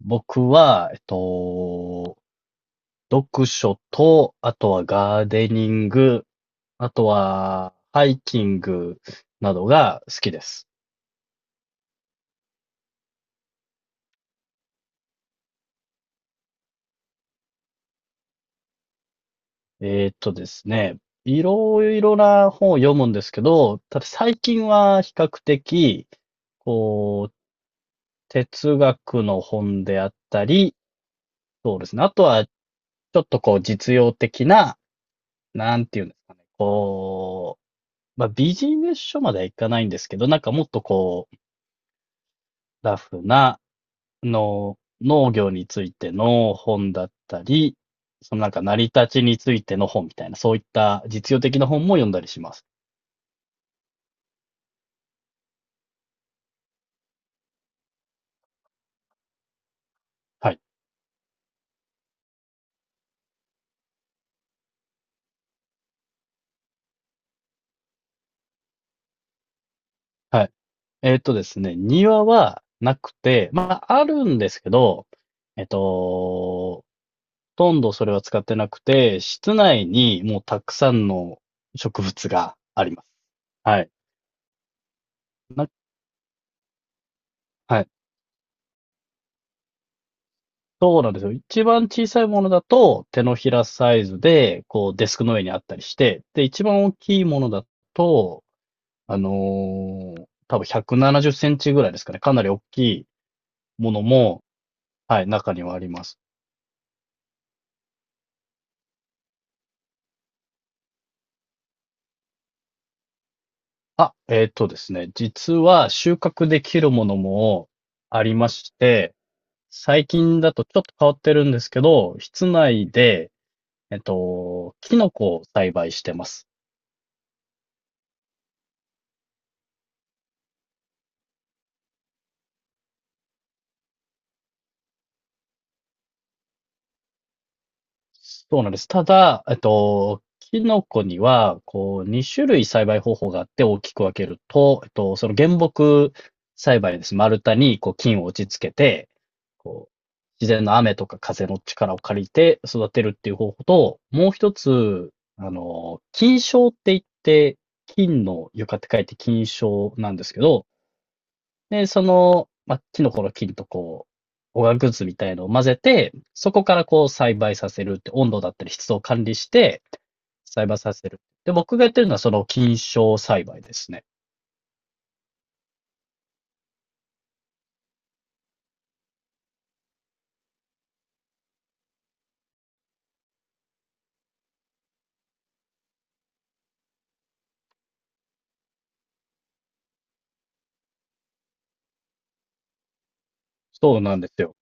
僕は、読書と、あとはガーデニング、あとはハイキングなどが好きです。えーっとですね、いろいろな本を読むんですけど、ただ最近は比較的、こう、哲学の本であったり、そうですね。あとは、ちょっとこう、実用的な、なんていうんですかね。こう、まあ、ビジネス書まではいかないんですけど、なんかもっとこう、ラフな、の、農業についての本だったり、そのなんか成り立ちについての本みたいな、そういった実用的な本も読んだりします。はい。はい。えっとですね、庭はなくて、まあ、あるんですけど、えっと、ほとんどそれは使ってなくて、室内にもうたくさんの植物があります。はい。なはい。そうなんですよ。一番小さいものだと手のひらサイズで、こうデスクの上にあったりして、で、一番大きいものだと、あの多分170センチぐらいですかね。かなり大きいものも、はい、中にはあります。あ、えっとですね。実は収穫できるものもありまして、最近だとちょっと変わってるんですけど、室内で、キノコを栽培してます。そうなんです。ただ、キノコには、こう、2種類栽培方法があって大きく分けると、その原木栽培です。丸太に、こう、菌を打ち付けて、こう、自然の雨とか風の力を借りて育てるっていう方法と、もう一つ、あの、菌床って言って、菌の床って書いて菌床なんですけど、で、その、まあ、キノコの菌とこう、オーガグッズみたいのを混ぜて、そこからこう栽培させるって、温度だったり湿度を管理して、栽培させる。で、僕がやってるのはその菌床栽培ですね。そうなんですよ。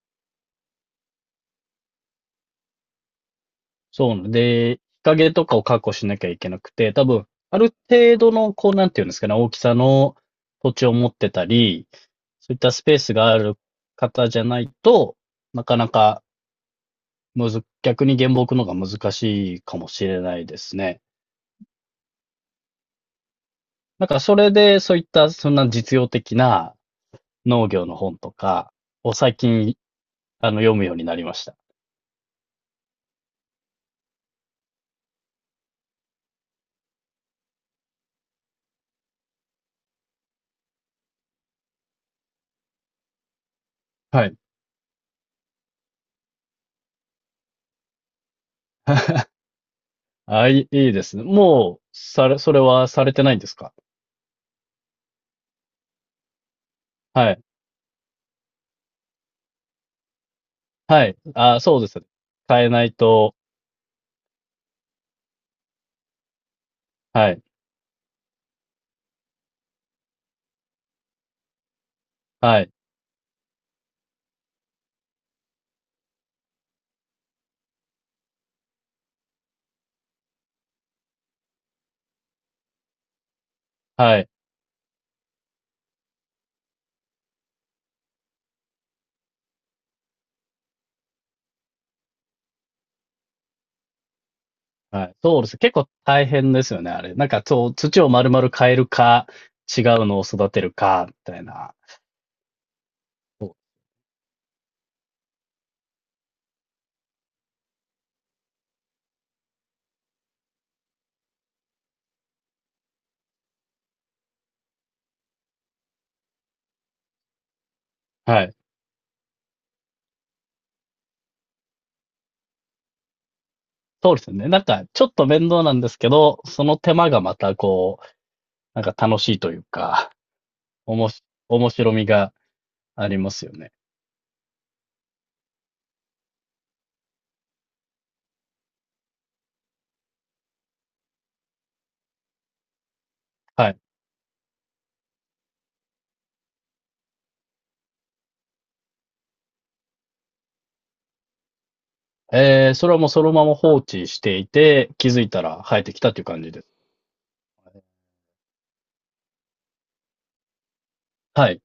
そうなんで、日陰とかを確保しなきゃいけなくて、多分、ある程度の、こう、なんていうんですかね、大きさの土地を持ってたり、そういったスペースがある方じゃないと、なかなかむず、逆に原木の方が難しいかもしれないですね。なんかそれで、そういったそんな実用的な農業の本とかを最近、あの、読むようになりました。はい。あ、いい、いいですね。もう、され、それはされてないんですか。はい。はい。あ、そうですね。変えないと、はい。はい。はい。はい。そうです。結構大変ですよね、あれ。なんか、そう、土を丸々変えるか、違うのを育てるか、みたいな。そうはい。そうですよね。なんか、ちょっと面倒なんですけど、その手間がまたこう、なんか楽しいというか、おもし、面白みがありますよね。はい。えー、それはもうそのまま放置していて、気づいたら生えてきたという感じです。はい。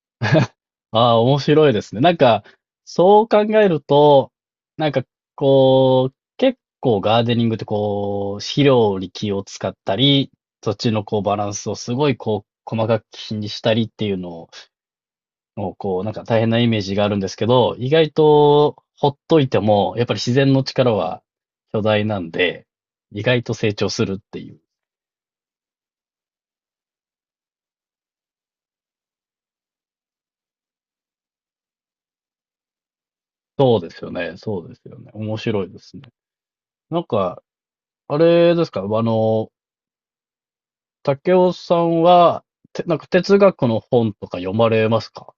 ああ、面白いですね。なんか、そう考えると、なんか、こう、結構ガーデニングってこう、肥料に気を使ったり、土地のこうバランスをすごいこう、細かく気にしたりっていうのをの、こう、なんか大変なイメージがあるんですけど、意外とほっといても、やっぱり自然の力は巨大なんで、意外と成長するっていう。そうですよね。そうですよね。面白いですね。なんか、あれですか、あの、竹雄さんは、て、なんか哲学の本とか読まれますか。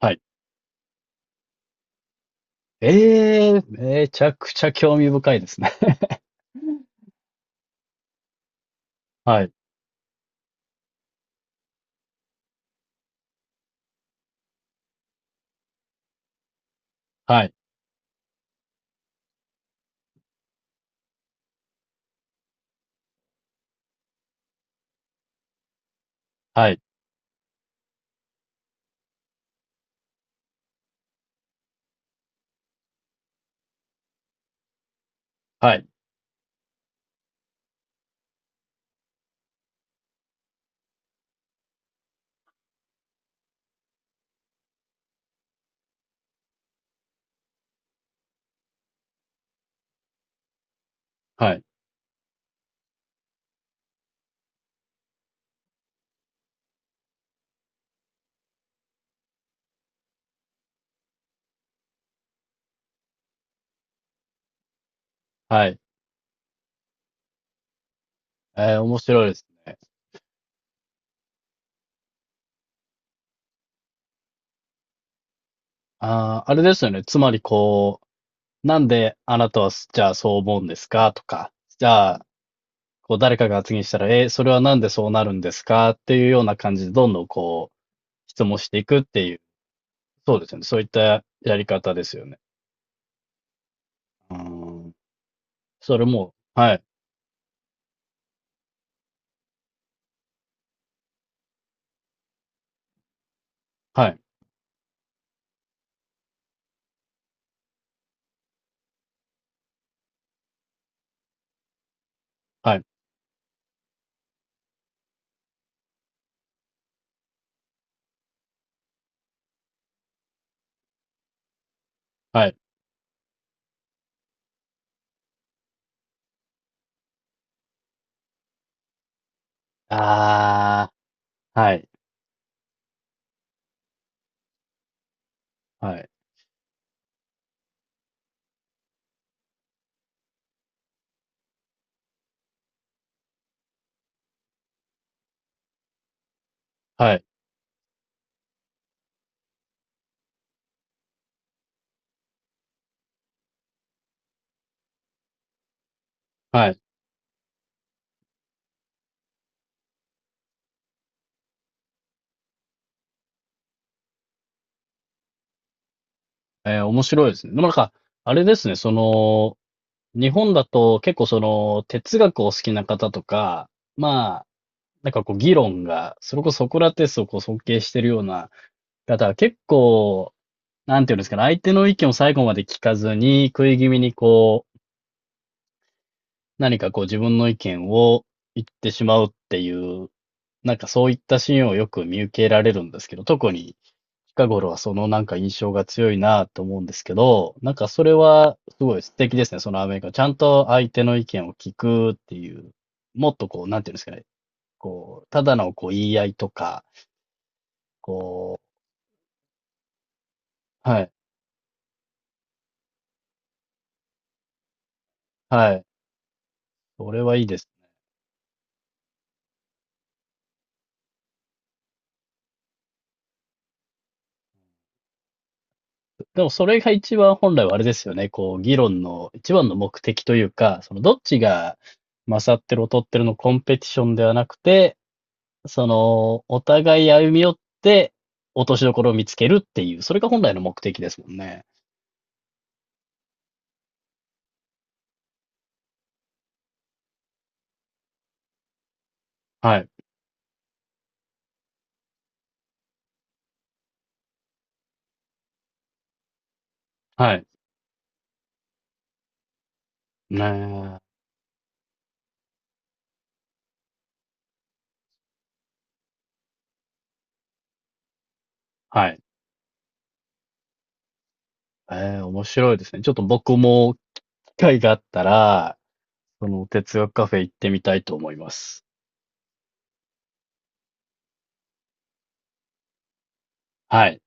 はい。ええめちゃくちゃ興味深いですね。はい、はい、はい、はい、はい、はい。えー、面白いですね。ああ、あれですよね。つまりこう、なんであなたはすじゃあそう思うんですかとか、じゃあ、こう誰かが発言したら、え、それはなんでそうなるんですかっていうような感じで、どんどんこう、質問していくっていう、そうですよね。そういったやり方ですよね。うーん。それも、はい、はい、はい、はい。ああ、はい、はい、はい、はい。えー面白いですね。でもなんか、あれですね、その、日本だと結構その、哲学を好きな方とか、まあ、なんかこう議論が、それこそソクラテスをこう尊敬してるような方は結構、なんていうんですかね、相手の意見を最後まで聞かずに、食い気味にこう、何かこう自分の意見を言ってしまうっていう、なんかそういったシーンをよく見受けられるんですけど、特に近頃はそのなんか印象が強いなと思うんですけど、なんかそれはすごい素敵ですね、そのアメリカ。ちゃんと相手の意見を聞くっていう、もっとこう、なんていうんですかね、こう、ただのこう言い合いとか、こう、はい。はい。それはいいです。でもそれが一番本来はあれですよね。こう、議論の一番の目的というか、そのどっちが勝ってる劣ってるのコンペティションではなくて、その、お互い歩み寄って、落としどころを見つけるっていう、それが本来の目的ですもんね。はい。はい。ねえ。はい。ええ、面白いですね。ちょっと僕も機会があったら、その哲学カフェ行ってみたいと思います。はい。